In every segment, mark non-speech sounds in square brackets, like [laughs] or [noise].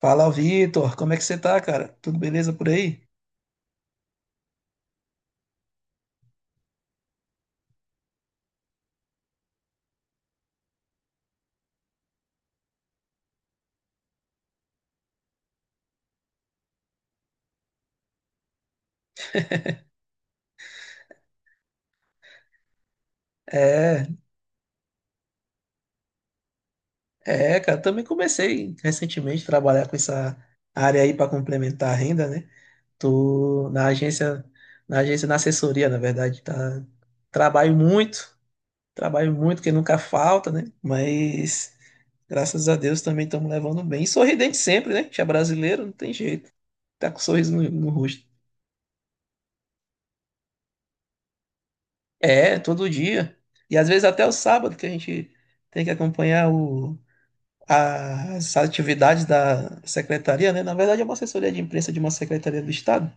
Fala, Vitor. Como é que você tá, cara? Tudo beleza por aí? [laughs] É, cara. Também comecei recentemente a trabalhar com essa área aí para complementar a renda, né? Tô na agência, na assessoria, na verdade, tá. Trabalho muito, Trabalho muito, que nunca falta, né? Mas graças a Deus também estamos levando bem. E sorridente sempre, né? Que é brasileiro, não tem jeito. Tá com um sorriso no rosto. É, todo dia. E às vezes até o sábado, que a gente tem que as atividades da secretaria, né? Na verdade, é uma assessoria de imprensa de uma secretaria do Estado.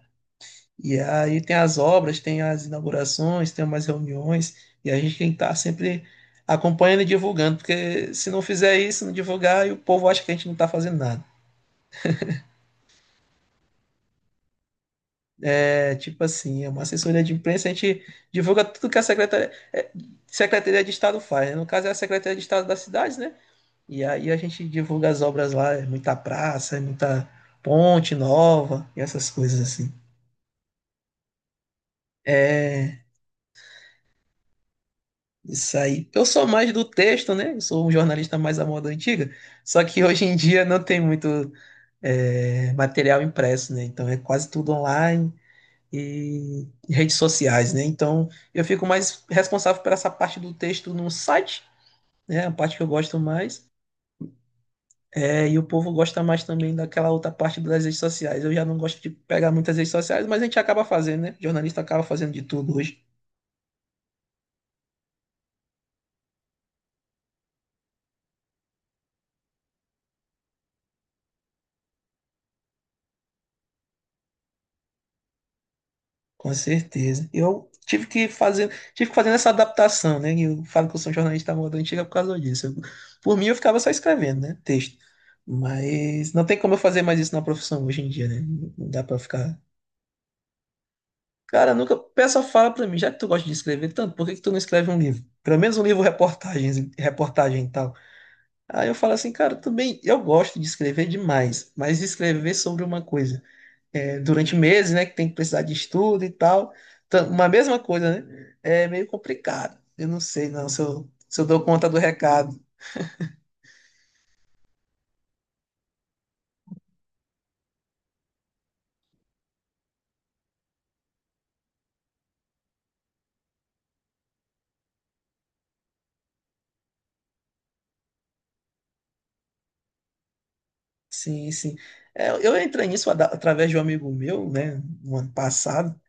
E aí tem as obras, tem as inaugurações, tem umas reuniões, e a gente tem que estar sempre acompanhando e divulgando, porque se não fizer isso, não divulgar, e o povo acha que a gente não está fazendo nada. É tipo assim, é uma assessoria de imprensa, a gente divulga tudo que a Secretaria de Estado faz, né? No caso é a Secretaria de Estado das cidades, né? E aí a gente divulga as obras lá, é muita praça, é muita ponte nova, e essas coisas assim. É... Isso aí. Eu sou mais do texto, né? Eu sou um jornalista mais à moda antiga. Só que hoje em dia não tem muito material impresso, né? Então é quase tudo online e redes sociais, né? Então eu fico mais responsável por essa parte do texto no site, né? A parte que eu gosto mais. É, e o povo gosta mais também daquela outra parte das redes sociais. Eu já não gosto de pegar muitas redes sociais, mas a gente acaba fazendo, né? Jornalista acaba fazendo de tudo hoje. Com certeza. Eu tive que fazer essa adaptação, né? E eu falo que eu sou um jornalista da moda antiga por causa disso. Por mim, eu ficava só escrevendo, né? Texto. Mas não tem como eu fazer mais isso na profissão hoje em dia, né? Não dá pra ficar. Cara, nunca. O pessoal fala pra mim, já que tu gosta de escrever tanto, por que que tu não escreve um livro? Pelo menos um livro reportagens, reportagem e tal. Aí eu falo assim, cara, tudo bem, eu gosto de escrever demais, mas escrever sobre uma coisa durante meses, né? Que tem que precisar de estudo e tal. Então, uma mesma coisa, né? É meio complicado. Eu não sei, não, se se eu dou conta do recado. Sim, sim. É, eu entrei nisso através de um amigo meu, né? No ano passado.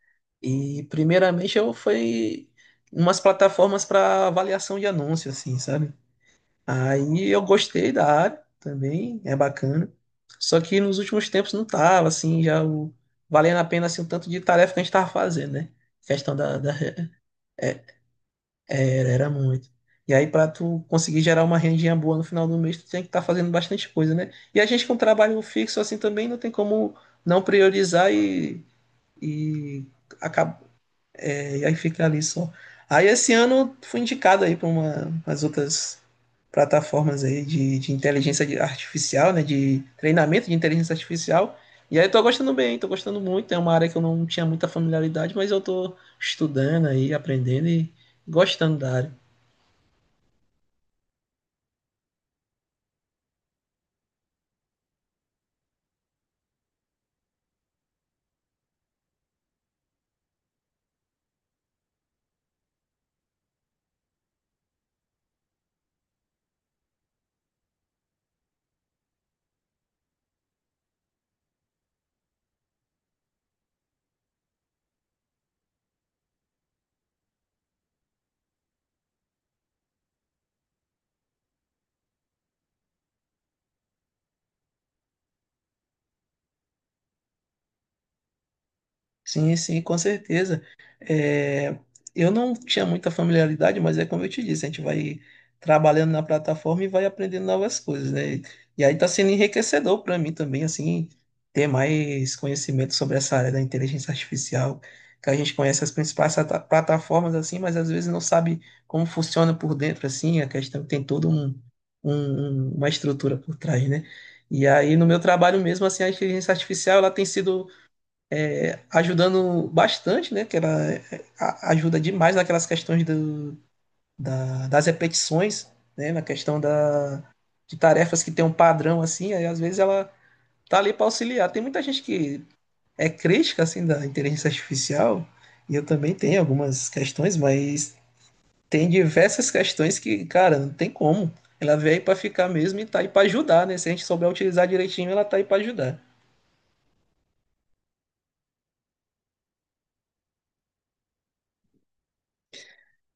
E primeiramente eu fui em umas plataformas para avaliação de anúncio, assim, sabe? Aí eu gostei da área também, é bacana. Só que nos últimos tempos não tava, assim, valendo a pena assim, o tanto de tarefa que a gente tava fazendo, né? Questão da. [laughs] Era, era muito. E aí, para tu conseguir gerar uma rendinha boa no final do mês, tu tem que estar fazendo bastante coisa, né? E a gente com trabalho fixo assim também não tem como não priorizar, e acaba e aí fica ali só. Aí esse ano fui indicado aí para umas outras plataformas aí de inteligência artificial, né? De treinamento de inteligência artificial. E aí eu tô gostando bem, tô gostando muito. É uma área que eu não tinha muita familiaridade, mas eu tô estudando aí, aprendendo e gostando da área. Sim, sim, com certeza. É, eu não tinha muita familiaridade, mas é como eu te disse, a gente vai trabalhando na plataforma e vai aprendendo novas coisas, né? E aí está sendo enriquecedor para mim também, assim, ter mais conhecimento sobre essa área da inteligência artificial, que a gente conhece as principais plataformas, assim, mas às vezes não sabe como funciona por dentro, assim, a questão tem toda uma estrutura por trás, né? E aí, no meu trabalho mesmo, assim, a inteligência artificial, ela tem sido ajudando bastante, né? Que ela ajuda demais naquelas questões das repetições, né? Na questão de tarefas que tem um padrão assim, aí às vezes ela tá ali para auxiliar. Tem muita gente que é crítica assim da inteligência artificial, e eu também tenho algumas questões, mas tem diversas questões que, cara, não tem como. Ela veio aí para ficar mesmo e tá aí para ajudar, né? Se a gente souber utilizar direitinho, ela tá aí para ajudar.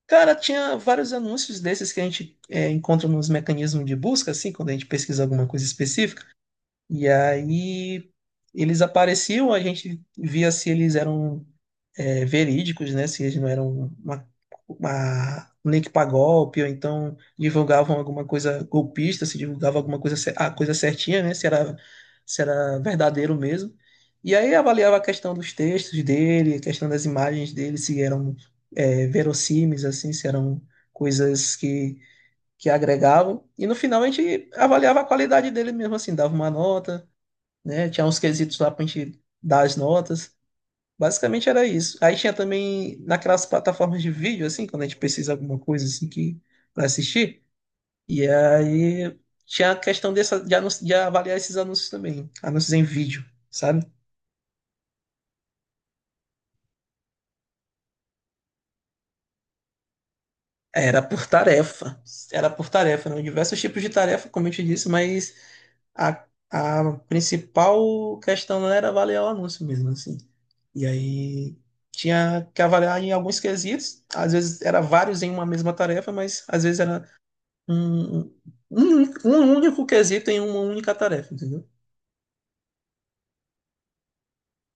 Cara, tinha vários anúncios desses que a gente encontra nos mecanismos de busca, assim, quando a gente pesquisa alguma coisa específica. E aí eles apareciam, a gente via se eles eram verídicos, né? Se eles não eram uma um link para golpe, ou então divulgavam alguma coisa golpista, se divulgava alguma coisa, a coisa certinha, né? Se era verdadeiro mesmo. E aí avaliava a questão dos textos dele, a questão das imagens dele, se eram verossímeis, assim, se eram coisas que agregavam. E no final a gente avaliava a qualidade dele mesmo, assim, dava uma nota, né? Tinha uns quesitos lá para a gente dar as notas. Basicamente era isso. Aí tinha também naquelas plataformas de vídeo, assim, quando a gente precisa de alguma coisa assim que para assistir. E aí tinha a questão dessa, de avaliar esses anúncios também, anúncios em vídeo, sabe? Era por tarefa, era por tarefa, eram diversos tipos de tarefa, como eu te disse, mas a principal questão não era avaliar o anúncio mesmo, assim. E aí tinha que avaliar em alguns quesitos, às vezes era vários em uma mesma tarefa, mas às vezes era um, um único quesito em uma única tarefa, entendeu?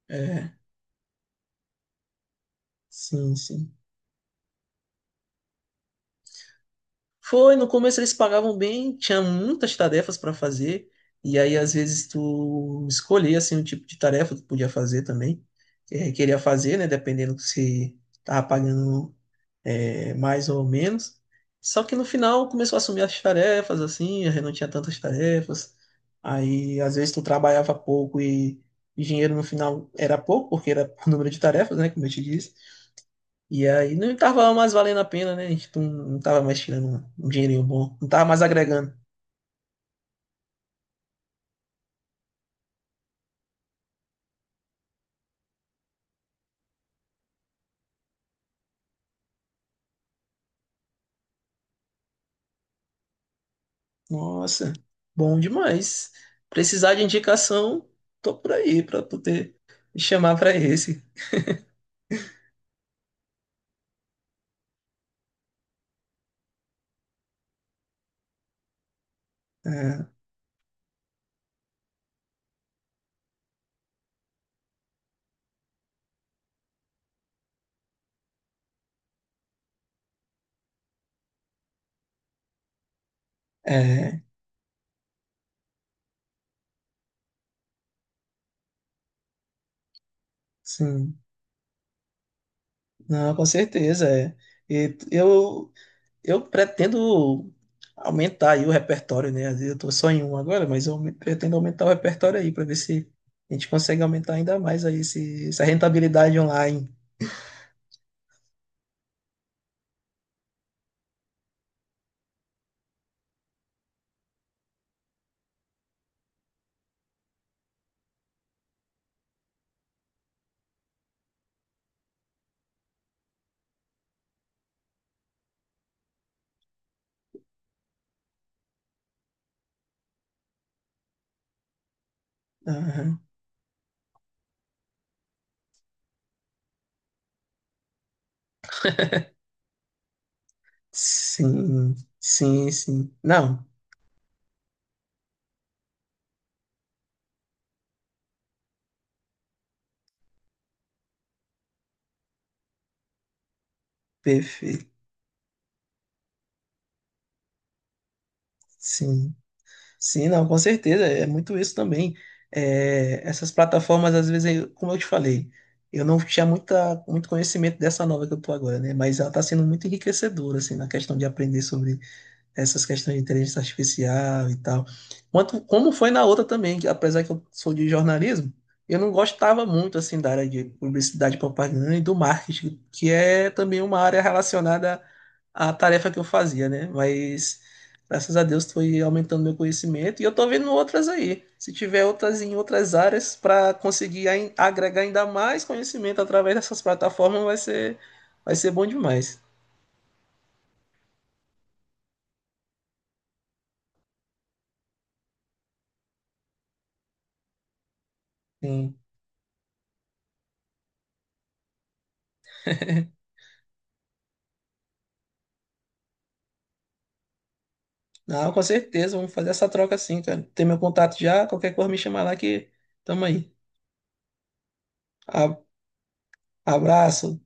É, sim, sim. Foi, no começo eles pagavam bem, tinha muitas tarefas para fazer, e aí às vezes tu escolhia assim o tipo de tarefa que tu podia fazer também, que queria fazer, né, dependendo se tava pagando mais ou menos. Só que no final começou a assumir as tarefas, assim, eu não tinha tantas tarefas. Aí, às vezes, tu trabalhava pouco e o dinheiro no final era pouco, porque era [laughs] o número de tarefas, né, como eu te disse. E aí não estava mais valendo a pena, né? A gente não tava mais tirando um dinheirinho bom, não tava mais agregando. Nossa, bom demais. Precisar de indicação, tô por aí para tu ter me chamar para esse. É, é, sim. Não, com certeza, é. E t- eu, eu pretendo aumentar aí o repertório, né? Às vezes eu tô só em um agora, mas eu pretendo aumentar o repertório aí para ver se a gente consegue aumentar ainda mais aí essa rentabilidade online. Aham. Sim, sim, sim. Não, perfeito. Sim. Sim, não, com certeza, é muito isso também. É, essas plataformas, às vezes, como eu te falei, eu não tinha muito conhecimento dessa nova que eu tô agora, né? Mas ela está sendo muito enriquecedora, assim, na questão de aprender sobre essas questões de inteligência artificial e tal. Quanto, como foi na outra também, que apesar que eu sou de jornalismo, eu não gostava muito assim da área de publicidade, propaganda e do marketing, que é também uma área relacionada à tarefa que eu fazia, né? Mas graças a Deus foi aumentando meu conhecimento e eu tô vendo outras aí. Se tiver outras em outras áreas para conseguir agregar ainda mais conhecimento através dessas plataformas, vai ser bom demais. Não, com certeza, vamos fazer essa troca sim, cara. Tem meu contato já, qualquer coisa me chamar lá que tamo aí. A- Abraço.